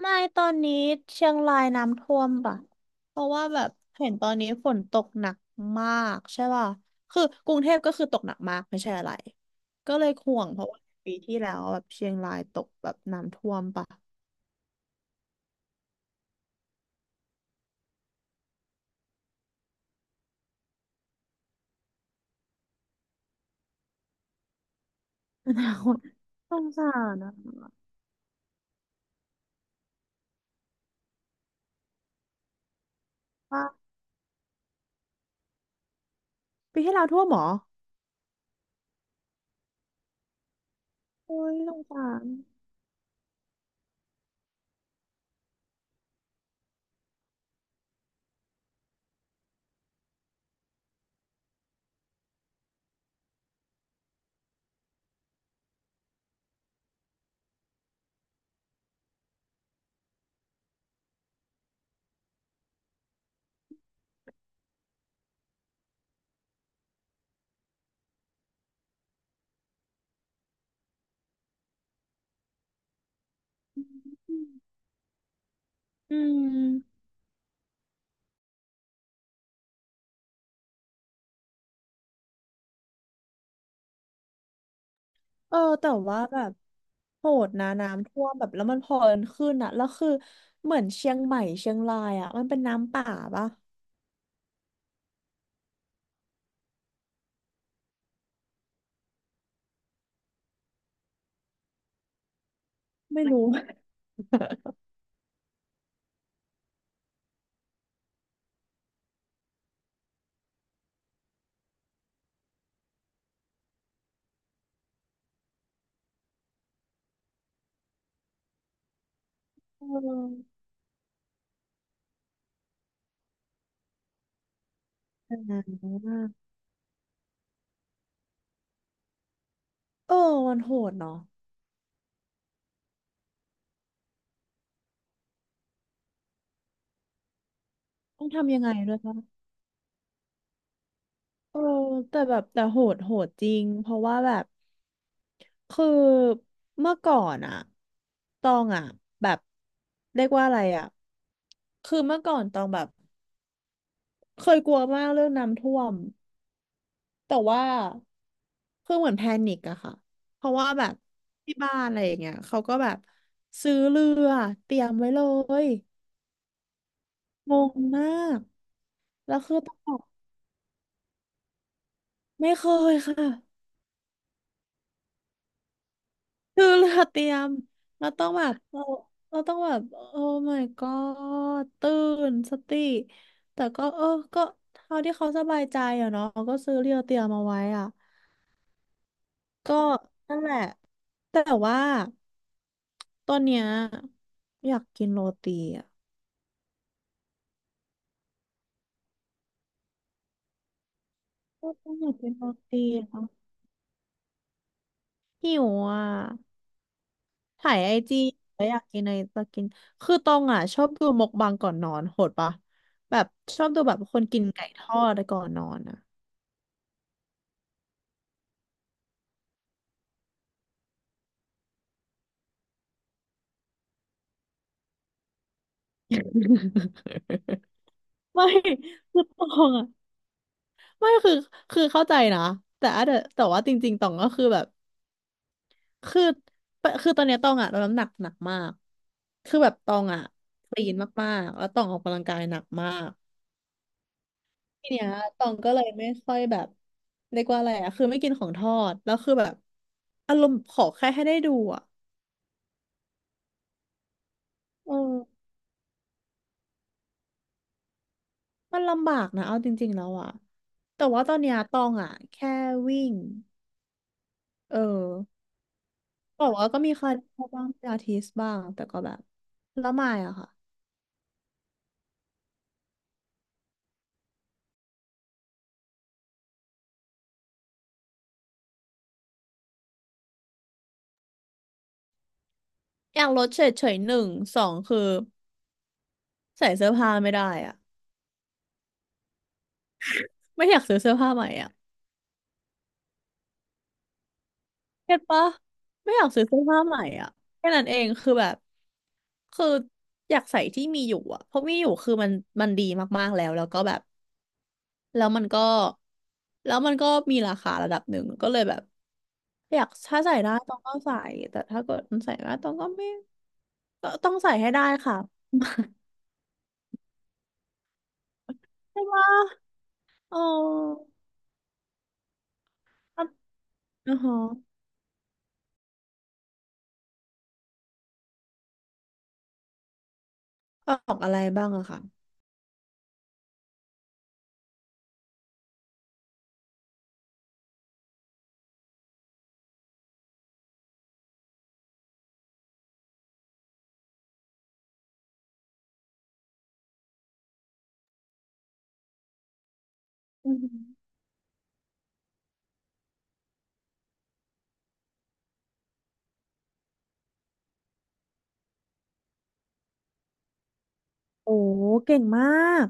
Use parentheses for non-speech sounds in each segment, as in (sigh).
ไม่ตอนนี้เชียงรายน้ำท่วมป่ะเพราะว่าแบบเห็นตอนนี้ฝนตกหนักมากใช่ป่ะคือกรุงเทพก็คือตกหนักมากไม่ใช่อะไรก็เลยห่วงเพราะว่าปีที่แล้วแบบเชียงรายตกแบบน้ำท่วมป่ะอนาคต (laughs) สงสารนะว่าปีที่แล้วท่วมเหรอโอ้ยสงสารอืมเออแต่ว่าแบบโหดนะน้ำท่วมแบบแล้วมันพอกันขึ้นอะแล้วคือเหมือนเชียงใหม่เชียงรายอะมันเป็นน้ำป่าปะไม่รู้ เอออ่าเออมันโหดเนาะต้องทำยังไงด้วยวะเออแต่แบบแต่โหดจริงเพราะว่าแบบคือเมื่อก่อนอะตองอะแบบเรียกว่าอะไรอะคือเมื่อก่อนตองแบบเคยกลัวมากเรื่องน้ำท่วมแต่ว่าคือเหมือนแพนิคอะค่ะเพราะว่าแบบที่บ้านอะไรอย่างเงี้ยเขาก็แบบซื้อเรือเตรียมไว้เลยงงมากแล้วคือต้อง ไม่เคยค่ะคือเราเตรียมเราต้องแบบเราต้องแบบโอ้ my god ตื่นสติแต่ก็เออก็เท่าที่เขาสบายใจอะเนาะก็ซื้อเรียวเตรียมมาไว้อ่ะก็นั่นแหละแต่ว่าตอนเนี้ยอยากกินโรตีอ่ะก็ต้องอยากกินโรตีอะหิวอ่ะ ถ่ายไอจีแล้วอยากกินอะไรจะกินคือตองอ่ะชอบดูมกบังก่อนนอนโหดปะแบบชอบดูแบบคนกินไก่ทอดก่อนนอนอ่ะ (laughs) ไม่คือตองอ่ะไม่คือคือเข้าใจนะแต่อาจจะแต่ว่าจริงๆตองก็คือแบบคือคือตอนเนี้ยตองอ่ะลดน้ำหนักหนักมากคือแบบตองอ่ะคลีนมากๆแล้วตองออกกำลังกายหนักมาก ทีเนี้ยตองก็เลยไม่ค่อยแบบเรียกว่าอะไรอะคือไม่กินของทอดแล้วคือแบบอารมณ์ขอแค่ให้ได้ดูอะเออมันลำบากนะเอาจริงๆแล้วอะแต่ว่าตอนเนี้ยตองอะแค่วิ่งเออบอกว่าก็มีคาร์ดิโอบ้างพิลาทิสบ้างแต่ก็แบบแล้วไม่อะค่ะอยากลดเฉยๆหนึ่งสองคือใส่เสื้อผ้าไม่ได้อะไม่อยากซื้อเสื้อผ้าใหม่อะ เก็ตปะไม่อยากซื้อเสื้อผ้าใหม่อ่ะแค่นั้นเองคือแบบคืออยากใส่ที่มีอยู่อ่ะเพราะมีอยู่คือมันดีมากๆแล้วแล้วก็แบบแล้วมันก็แล้วมันก็มีราคาระดับหนึ่งก็เลยแบบอยากถ้าใส่ได้ต้องก็ใส่แต่ถ้าเกิดมันใส่ไม่ได้ต้องก็ไม่ตต้องใส่ให้ได้ค่ะ (laughs) ใช่ปะอ๋ออ่ะอ๋อฮะออกอะไรบ้างอะค่ะอืมโอ้เก่งมาก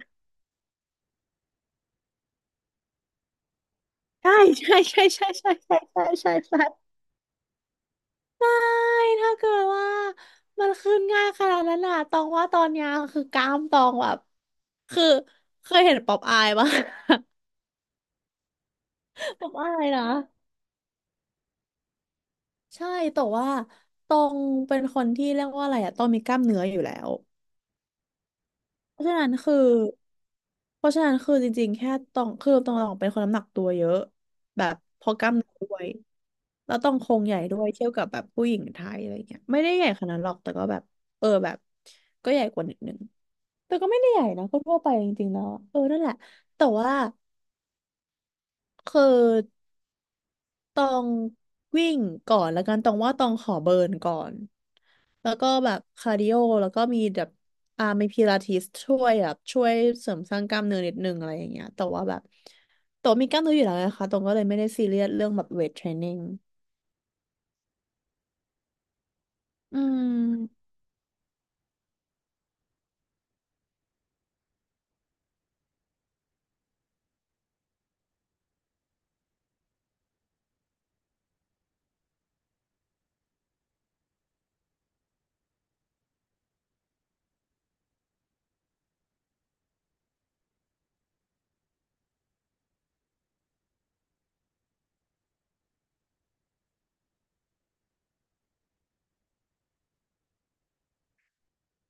ใช่ใช่ใช่ใช่ใช่ใช่ใช่ใช่ใช่ ใช่ถ้าเกิดว่ามันขึ้นง่ายขนาดนั้นน่ะตองว่าตอนเนี้ยคือกล้ามตองแบบคือเคยเห็นป๊อปอายปะ (laughs) ป๊อปอายนะใช่แต่ว่าตองเป็นคนที่เรียกว่าอะไรอะตองมีกล้ามเนื้ออยู่แล้ว เพราะฉะนั้นคือเพราะฉะนั้นคือจริงๆแค่ตองคือตองเป็นคนน้ำหนักตัวเยอะแบบเพอกล้ามเนื้อด้วยแล้วต้องโครงใหญ่ด้วยเทียบกับแบบผู้หญิงไทยอะไรเงี้ยไม่ได้ใหญ่ขนาดนั้นหรอกแต่ก็แบบเออแบบก็ใหญ่กว่านิดนึง แต่ก็ไม่ได้ใหญ่นะก็ทั่วไปจริงๆแล้วอะเออนั่นแหละแต่ว่าคือตองวิ่งก่อนแล้วกันตองว่าตองขอเบิร์นก่อนแล้วก็แบบคาร์ดิโอแล้วก็มีแบบมีพิลาทิสช่วยแบบช่วยเสริมสร้างกล้ามเนื้อนิดนึงอะไรอย่างเงี้ยแต่ว่าแบบตัมีกล้ามเนื้ออยู่แล้วนะคะตรงก็เลยไม่ได้ซีเรียสเรื่องแบบเวทเทรนนิ่งอืม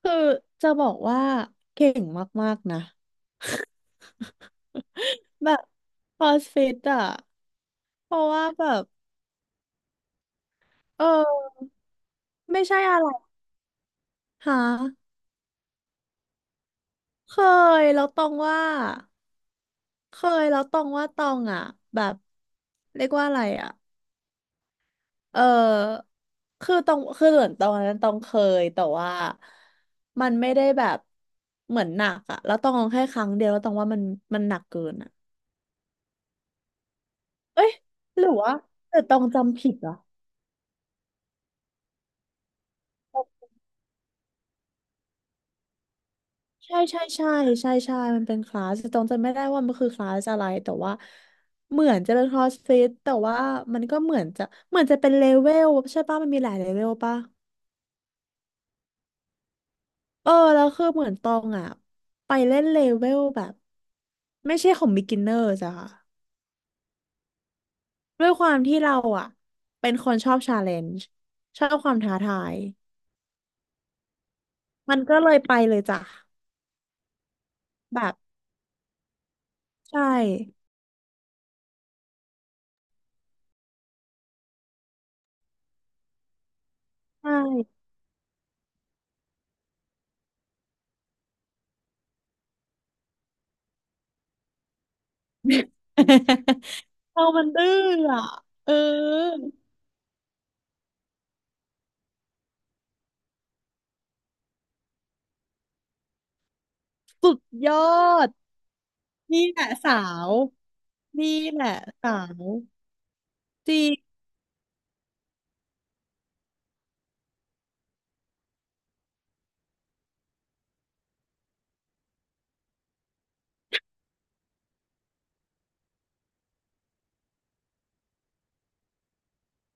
คือจะบอกว่าเก่งมากๆนะ (laughs) แบบคอสฟิตอ่ะเพราะว่าแบบเออไม่ใช่อะไรหาเคยแล้วตองว่าเคยแล้วตองว่าตองอ่ะแบบเรียกว่าอะไรอ่ะเออคือตองคือเหมือนตองนั้นตองเคยแต่ว่ามันไม่ได้แบบเหมือนหนักอ่ะแล้วตองลองแค่ครั้งเดียวแล้วตองว่ามันหนักเกินอ่ะ เอ้ยหรือว่าแต่ตองจำผิดเหรอใช่ใช่ใช่ใช่ใช่มันเป็นคลาสแต่ตองจำไม่ได้ว่ามันคือคลาสอะไรแต่ว่าเหมือนจะเป็นคลาสฟิตแต่ว่ามันก็เหมือนจะเหมือนจะเป็นเลเวลใช่ป่ะมันมีหลายเลเวลป่ะเออแล้วคือเหมือนตองอ่ะไปเล่นเลเวลแบบไม่ใช่ของ beginner จ้ะค่ะด้วยความที่เราอ่ะเป็นคนชอบ challenge ชอบความท้าทายมันก็เลยไปเลยจ้ะแบบใช่ใช่ (laughs) เรามันดื้ออ่ะเออสุดยอดนี่แหละสาวนี่แหละสาวจริง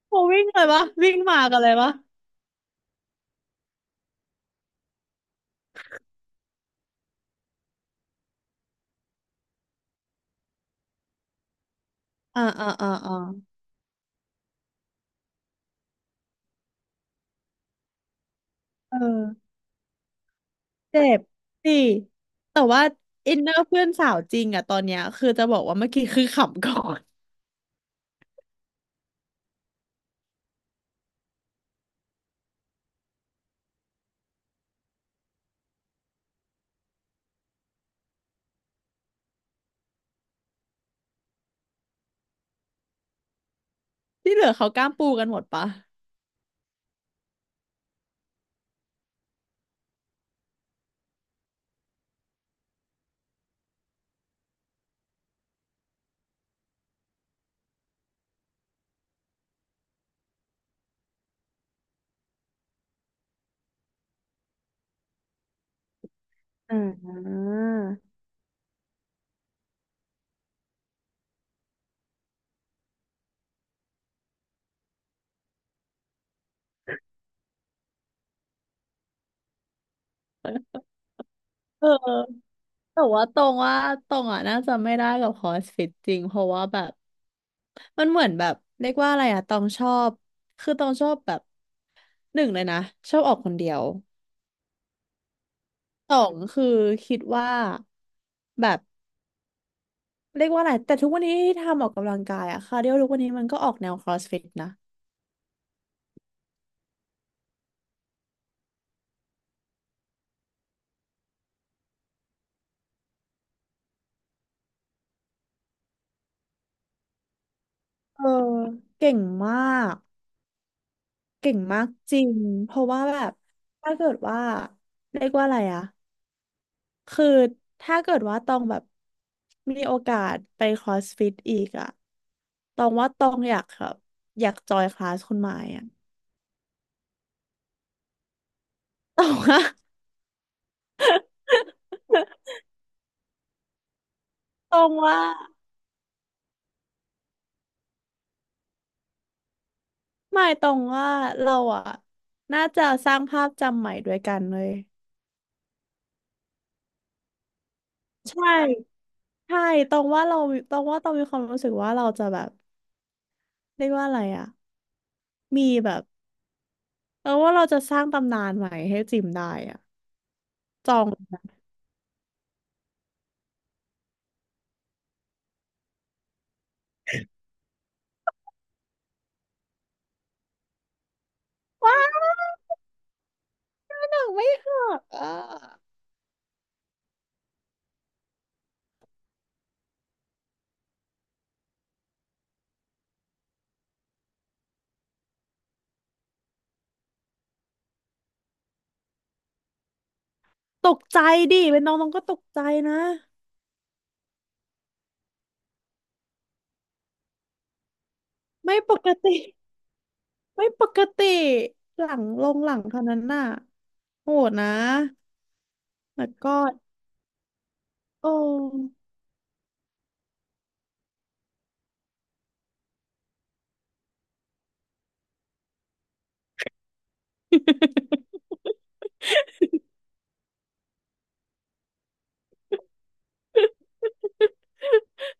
โหวิ่งเลยวะวิ่งมากันเลยวะอ่าอ่าอ่าอ่าเออเจ็บสิแต่ว่าอินเนอร์เพื่อนสาวจริงอ่ะตอนเนี้ยคือจะบอกว่าเมื่อกี้คือขำก่อน (laughs) ที่เหลือเขากล้ามปูกันหมดปะอ่าเออแต่ว่าตรงว่าตรงอ่ะน่าจะไม่ได้กับคอสฟิตจริงเพราะว่าแบบ มันเหมือนแบบเรียกว่าอะไรอะตองชอบ คือตองชอบแบบหนึ่งเลยนะชอบออกคนเดียวสองคือคิดว่าแบบเรียกว่าอะไรแต่ทุกวันนี้ที่ทำออกกำลังกายอะคาร์ดิโอทุกวันนี้มันก็ออกแนวครอสฟิตนะ เออเก่งมากเก่งมากจริงเพราะว่าแบบถ้าเกิดว่าเรียกว่าอะไรอะคือถ้าเกิดว่าตองแบบมีโอกาสไปครอสฟิตอีกอะตองว่าตองอยากแบบอยากจอยคลาสคุณหมายอะ ตรงว่าตรงว่าหมายตรงว่าเราอะน่าจะสร้างภาพจำใหม่ด้วยกันเลยใช่ใช่ตรงว่าเราตรงว่าตรงมีความรู้สึกว่าเราจะแบบเรียกว่าอะไรอะมีแบบเราว่าเราจะสร้างตำนานใหม่ให้จิมได้อะจองหนังไม่หักอ่ะตกใจดิเป็นน้องน้องก็ตกใจนะไม่ปกติไม่ปกติหลังลงหลังเท่านั้นน่ะโหดนะแล้วก็โอ้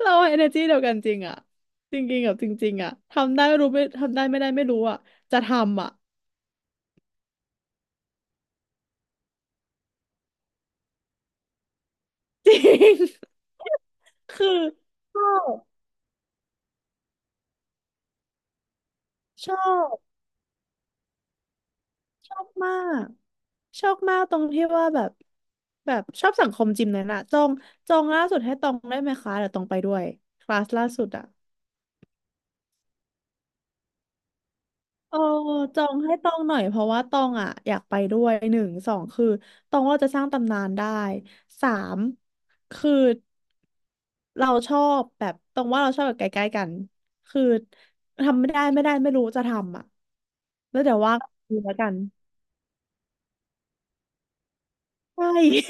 เราเอเนอร์จีเดียวกันจริงอะจริงๆกับจริงๆอะทำได้ไม่รู้ไม่ทำได้ไม่ได้ไม่รู้อะจะทำอะจริง (laughs) คือชอบชอบชอบมากชอบมากตรงที่ว่าแบบแบบชอบสังคมจิมเลยน่ะจองล่าสุดให้ตองได้ไหมคะเดี๋ยวตองไปด้วยคลาสล่าสุดอะ เออจองให้ตองหน่อยเพราะว่าตองอ่ะอยากไปด้วยหนึ่งสองคือตองว่าเราจะสร้างตำนานได้สามคือเราชอบแบบตองว่าเราชอบแบบใกล้ๆกันคือทำไม่ได้ไม่ได้ไม่รู้จะทำอ่ะแล้วเดี๋ยวว่าดูแล้วกันใช่ (laughs)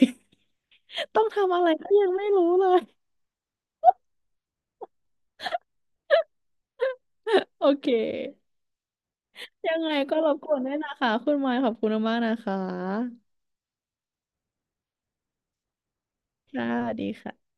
ต้องทำอะไรก็ยังไม่รู้เลยโอเคยังไงก็รบกวนด้วยนะคะคุณมายขอบคุณมากๆนะคะค่ะสวัสดีค่ะ